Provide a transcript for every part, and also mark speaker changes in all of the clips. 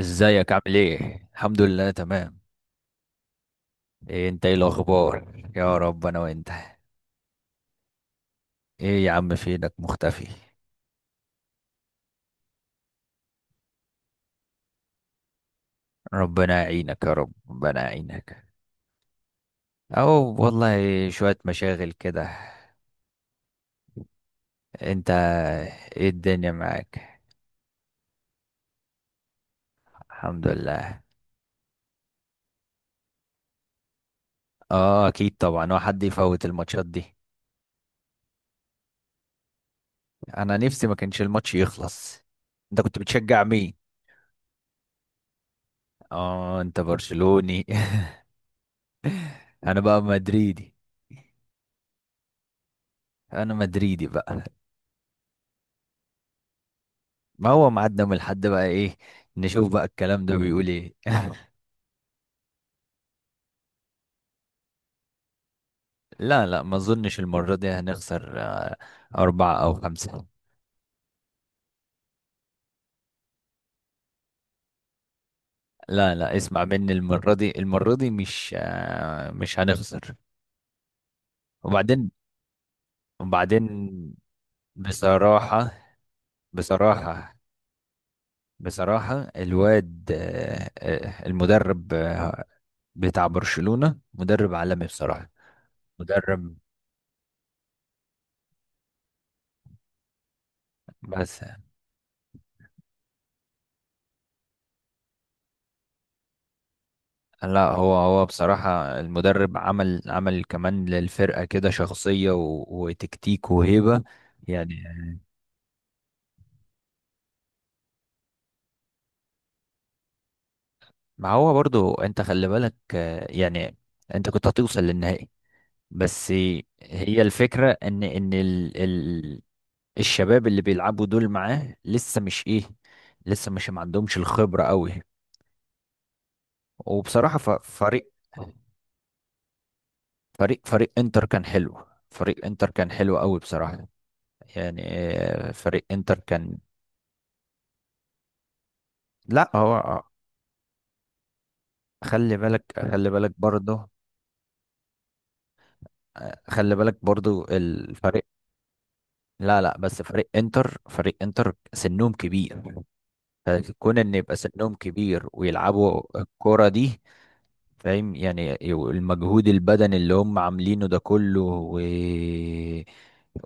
Speaker 1: ازيك؟ عامل ايه؟ الحمد لله، تمام. ايه انت، ايه الاخبار؟ يا رب، انا وانت. ايه يا عم، فينك مختفي؟ ربنا يعينك يا رب، ربنا يعينك. او والله، شوية مشاغل كده. انت؟ ايه الدنيا معاك؟ الحمد لله. اه اكيد طبعا، هو حد يفوت الماتشات دي؟ انا نفسي ما كانش الماتش يخلص. انت كنت بتشجع مين؟ اه، انت برشلوني. انا بقى مدريدي. انا مدريدي بقى. ما هو ميعادنا من الحد، بقى ايه؟ نشوف بقى الكلام ده بيقول ايه. لا لا، ما اظنش المرة دي هنخسر. أربعة أو خمسة. لا لا، اسمع مني، المرة دي مش هنخسر. وبعدين. وبعدين بصراحة، بصراحة بصراحة الواد, المدرب بتاع برشلونة مدرب عالمي بصراحة. مدرب. بس لا، هو بصراحة المدرب عمل كمان للفرقة كده شخصية وتكتيك وهيبة يعني. ما هو برضو، انت خلي بالك, يعني انت كنت هتوصل للنهائي. بس هي الفكرة ان ال ال الشباب اللي بيلعبوا دول معاه لسه مش ايه، لسه مش ما عندهمش الخبرة قوي. وبصراحة، فريق انتر كان حلو. فريق انتر كان حلو قوي بصراحة. يعني, فريق انتر كان. لا هو. خلي بالك، خلي بالك برضه خلي بالك برضه الفريق. لا لا، بس فريق انتر سنهم كبير، فكون ان يبقى سنهم كبير ويلعبوا الكرة دي، فاهم؟ يعني المجهود البدني اللي هم عاملينه ده كله، و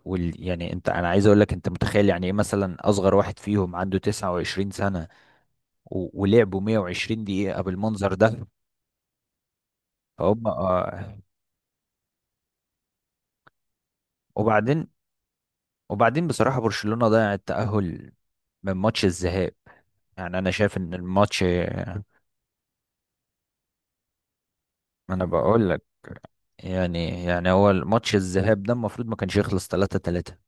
Speaker 1: وال... يعني انا عايز اقول لك، انت متخيل يعني ايه مثلا اصغر واحد فيهم عنده 29 سنة و ولعبوا 120 دقيقة بالمنظر ده، فهم. وبعدين. بصراحة برشلونة ضيع التأهل من ماتش الذهاب. يعني انا شايف ان الماتش ما... انا بقول لك، يعني هو الماتش الذهاب ده المفروض ما كانش يخلص 3-3.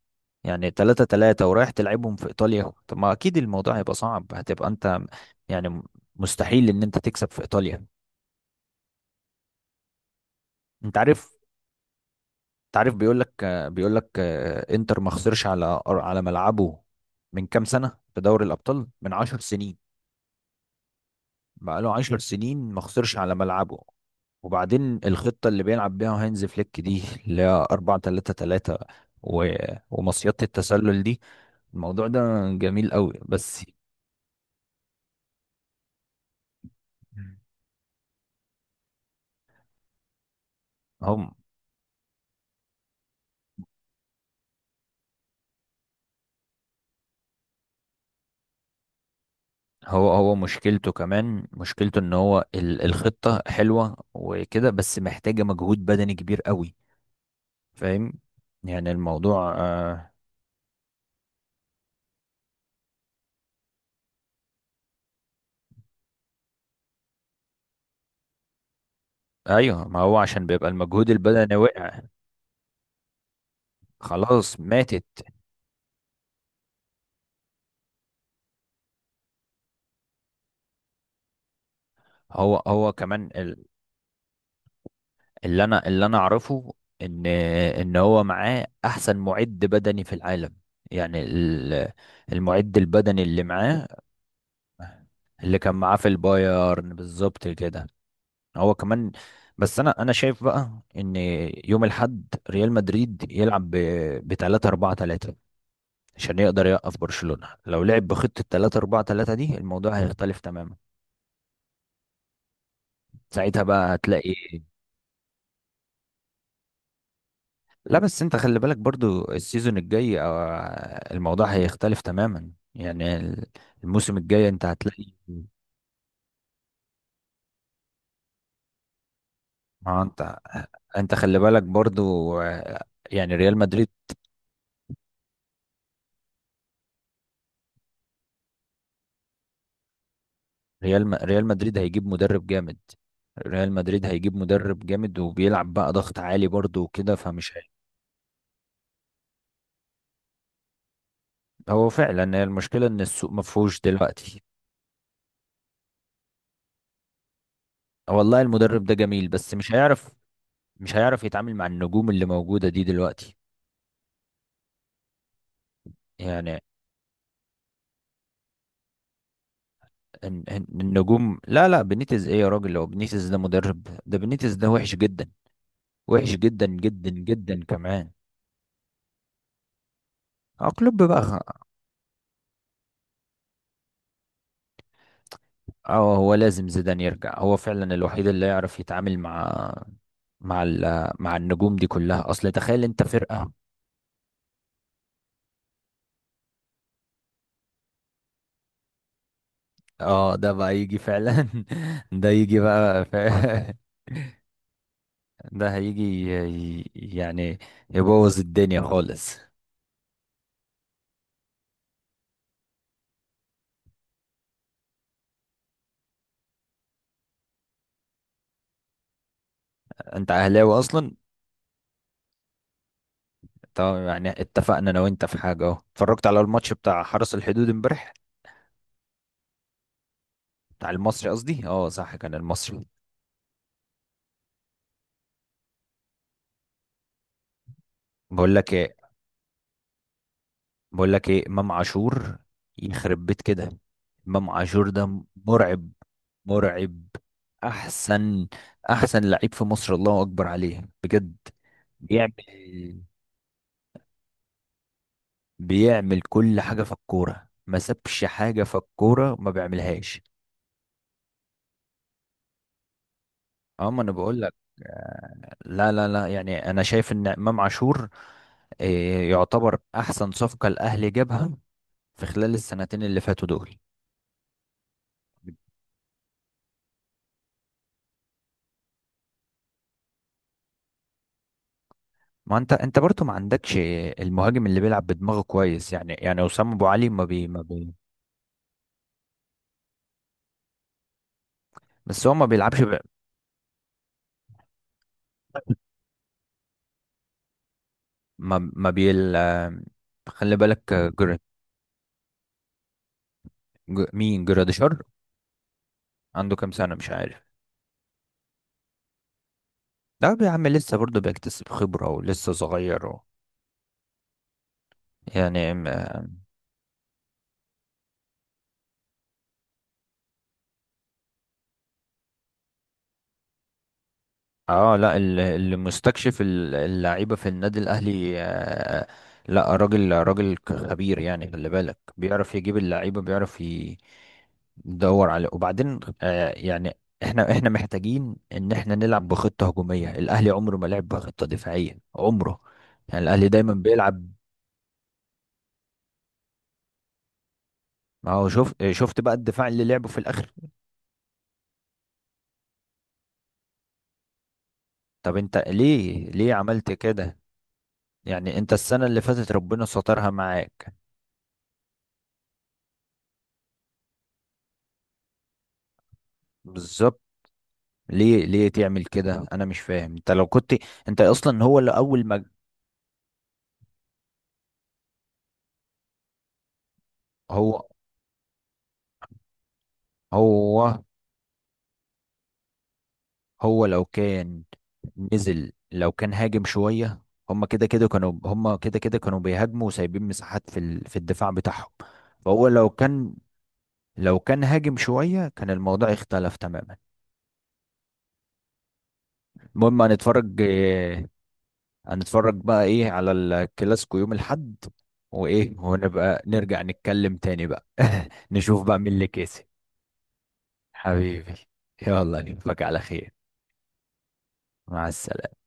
Speaker 1: يعني 3-3 ورايح تلعبهم في ايطاليا، طب ما اكيد الموضوع هيبقى صعب، هتبقى انت يعني مستحيل ان انت تكسب في ايطاليا. انت عارف انت عارف بيقول لك، انتر ما خسرش على ملعبه من كام سنة في دوري الابطال، من 10 سنين، بقاله 10 سنين ما خسرش على ملعبه. وبعدين الخطة اللي بيلعب بيها هانز فليك دي اللي هي 4-3-3، و... ومصيدة التسلل دي، الموضوع ده جميل قوي بس. هم هو مشكلته كمان، مشكلته ان هو الخطة حلوة وكده، بس محتاجة مجهود بدني كبير قوي، فاهم؟ يعني الموضوع. ايوه، ما هو عشان بيبقى المجهود البدني وقع. خلاص ماتت. هو كمان. اللي انا اعرفه، ان هو معاه احسن معد بدني في العالم. يعني المعد البدني اللي معاه، اللي كان معاه في البايرن بالظبط كده، هو كمان. بس انا شايف بقى، ان يوم الاحد ريال مدريد يلعب ب 3-4-3 عشان يقدر يوقف برشلونة. لو لعب بخطة 3-4-3 دي، الموضوع هيختلف تماما، ساعتها بقى هتلاقي. لا بس انت خلي بالك برضو، السيزون الجاي, الموضوع هيختلف تماما، يعني الموسم الجاي انت هتلاقي. ما انت خلي بالك برضو, يعني ريال مدريد. ريال مدريد هيجيب مدرب جامد. ريال مدريد هيجيب مدرب جامد، وبيلعب بقى ضغط عالي برضو وكده، هو فعلا هي المشكلة ان السوق ما فيهوش دلوقتي. والله المدرب ده جميل، بس مش هيعرف يتعامل مع النجوم اللي موجودة دي دلوقتي، يعني النجوم. لا لا، بنيتز ايه يا راجل؟ هو بنيتز ده مدرب؟ ده بنيتز ده وحش جدا، وحش جدا جدا جدا كمان. اه، كلوب بقى. اه، هو لازم زيدان يرجع، هو فعلا الوحيد اللي يعرف يتعامل مع مع النجوم دي كلها. اصل تخيل انت فرقة. اه، ده بقى يجي فعلا. ده يجي بقى. ده هيجي، يعني يبوظ الدنيا خالص. انت اهلاوي اصلا. طب يعني اتفقنا انا وانت في حاجه اهو، اتفرجت على الماتش بتاع حرس الحدود امبارح؟ بتاع المصري قصدي، اه صح كان المصري. بقول لك ايه، امام عاشور يخرب بيت كده! امام عاشور ده مرعب، مرعب. احسن، لعيب في مصر، الله اكبر عليه بجد. بيعمل بيعمل كل حاجه في الكوره، ما سابش حاجه في الكوره ما بيعملش. اه ما انا بقول لك. لا لا لا، يعني انا شايف ان امام عاشور, يعتبر احسن صفقة الاهلي جابها في خلال السنتين اللي فاتوا دول. ما انت برضو ما عندكش المهاجم اللي بيلعب بدماغه كويس، يعني، وسام ابو علي ما بي ما بي بس هو ما بيلعبش. ما ما بيل آه، خلي بالك, مين جراديشار؟ عنده كام سنة؟ مش عارف. ده يا عم لسه برضه بيكتسب خبرة، ولسه صغير, يعني. اه، لا اللي مستكشف اللعيبه في النادي الاهلي, لا راجل خبير، يعني خلي بالك بيعرف يجيب اللعيبه، بيعرف يدور على. وبعدين, يعني احنا محتاجين ان احنا نلعب بخطه هجوميه. الاهلي عمره ما لعب بخطه دفاعيه، عمره، يعني الاهلي دايما بيلعب. ما هو شوف، شفت بقى الدفاع اللي لعبه في الاخر؟ طب انت ليه، عملت كده؟ يعني انت السنه اللي فاتت ربنا سترها معاك بالظبط. ليه، تعمل كده؟ انا مش فاهم. انت لو كنت، انت اصلا هو اللي اول ما... هو هو هو لو كان نزل، لو كان هاجم شوية. هما كده كده كانوا بيهاجموا، وسايبين مساحات في الدفاع بتاعهم. فهو لو كان، لو كان هاجم شوية كان الموضوع اختلف تماما. المهم هنتفرج, هنتفرج بقى ايه على الكلاسيكو يوم الحد، وايه ونبقى نرجع نتكلم تاني بقى. نشوف بقى مين اللي كسب. حبيبي، يلا نشوفك على خير. مع السلامة.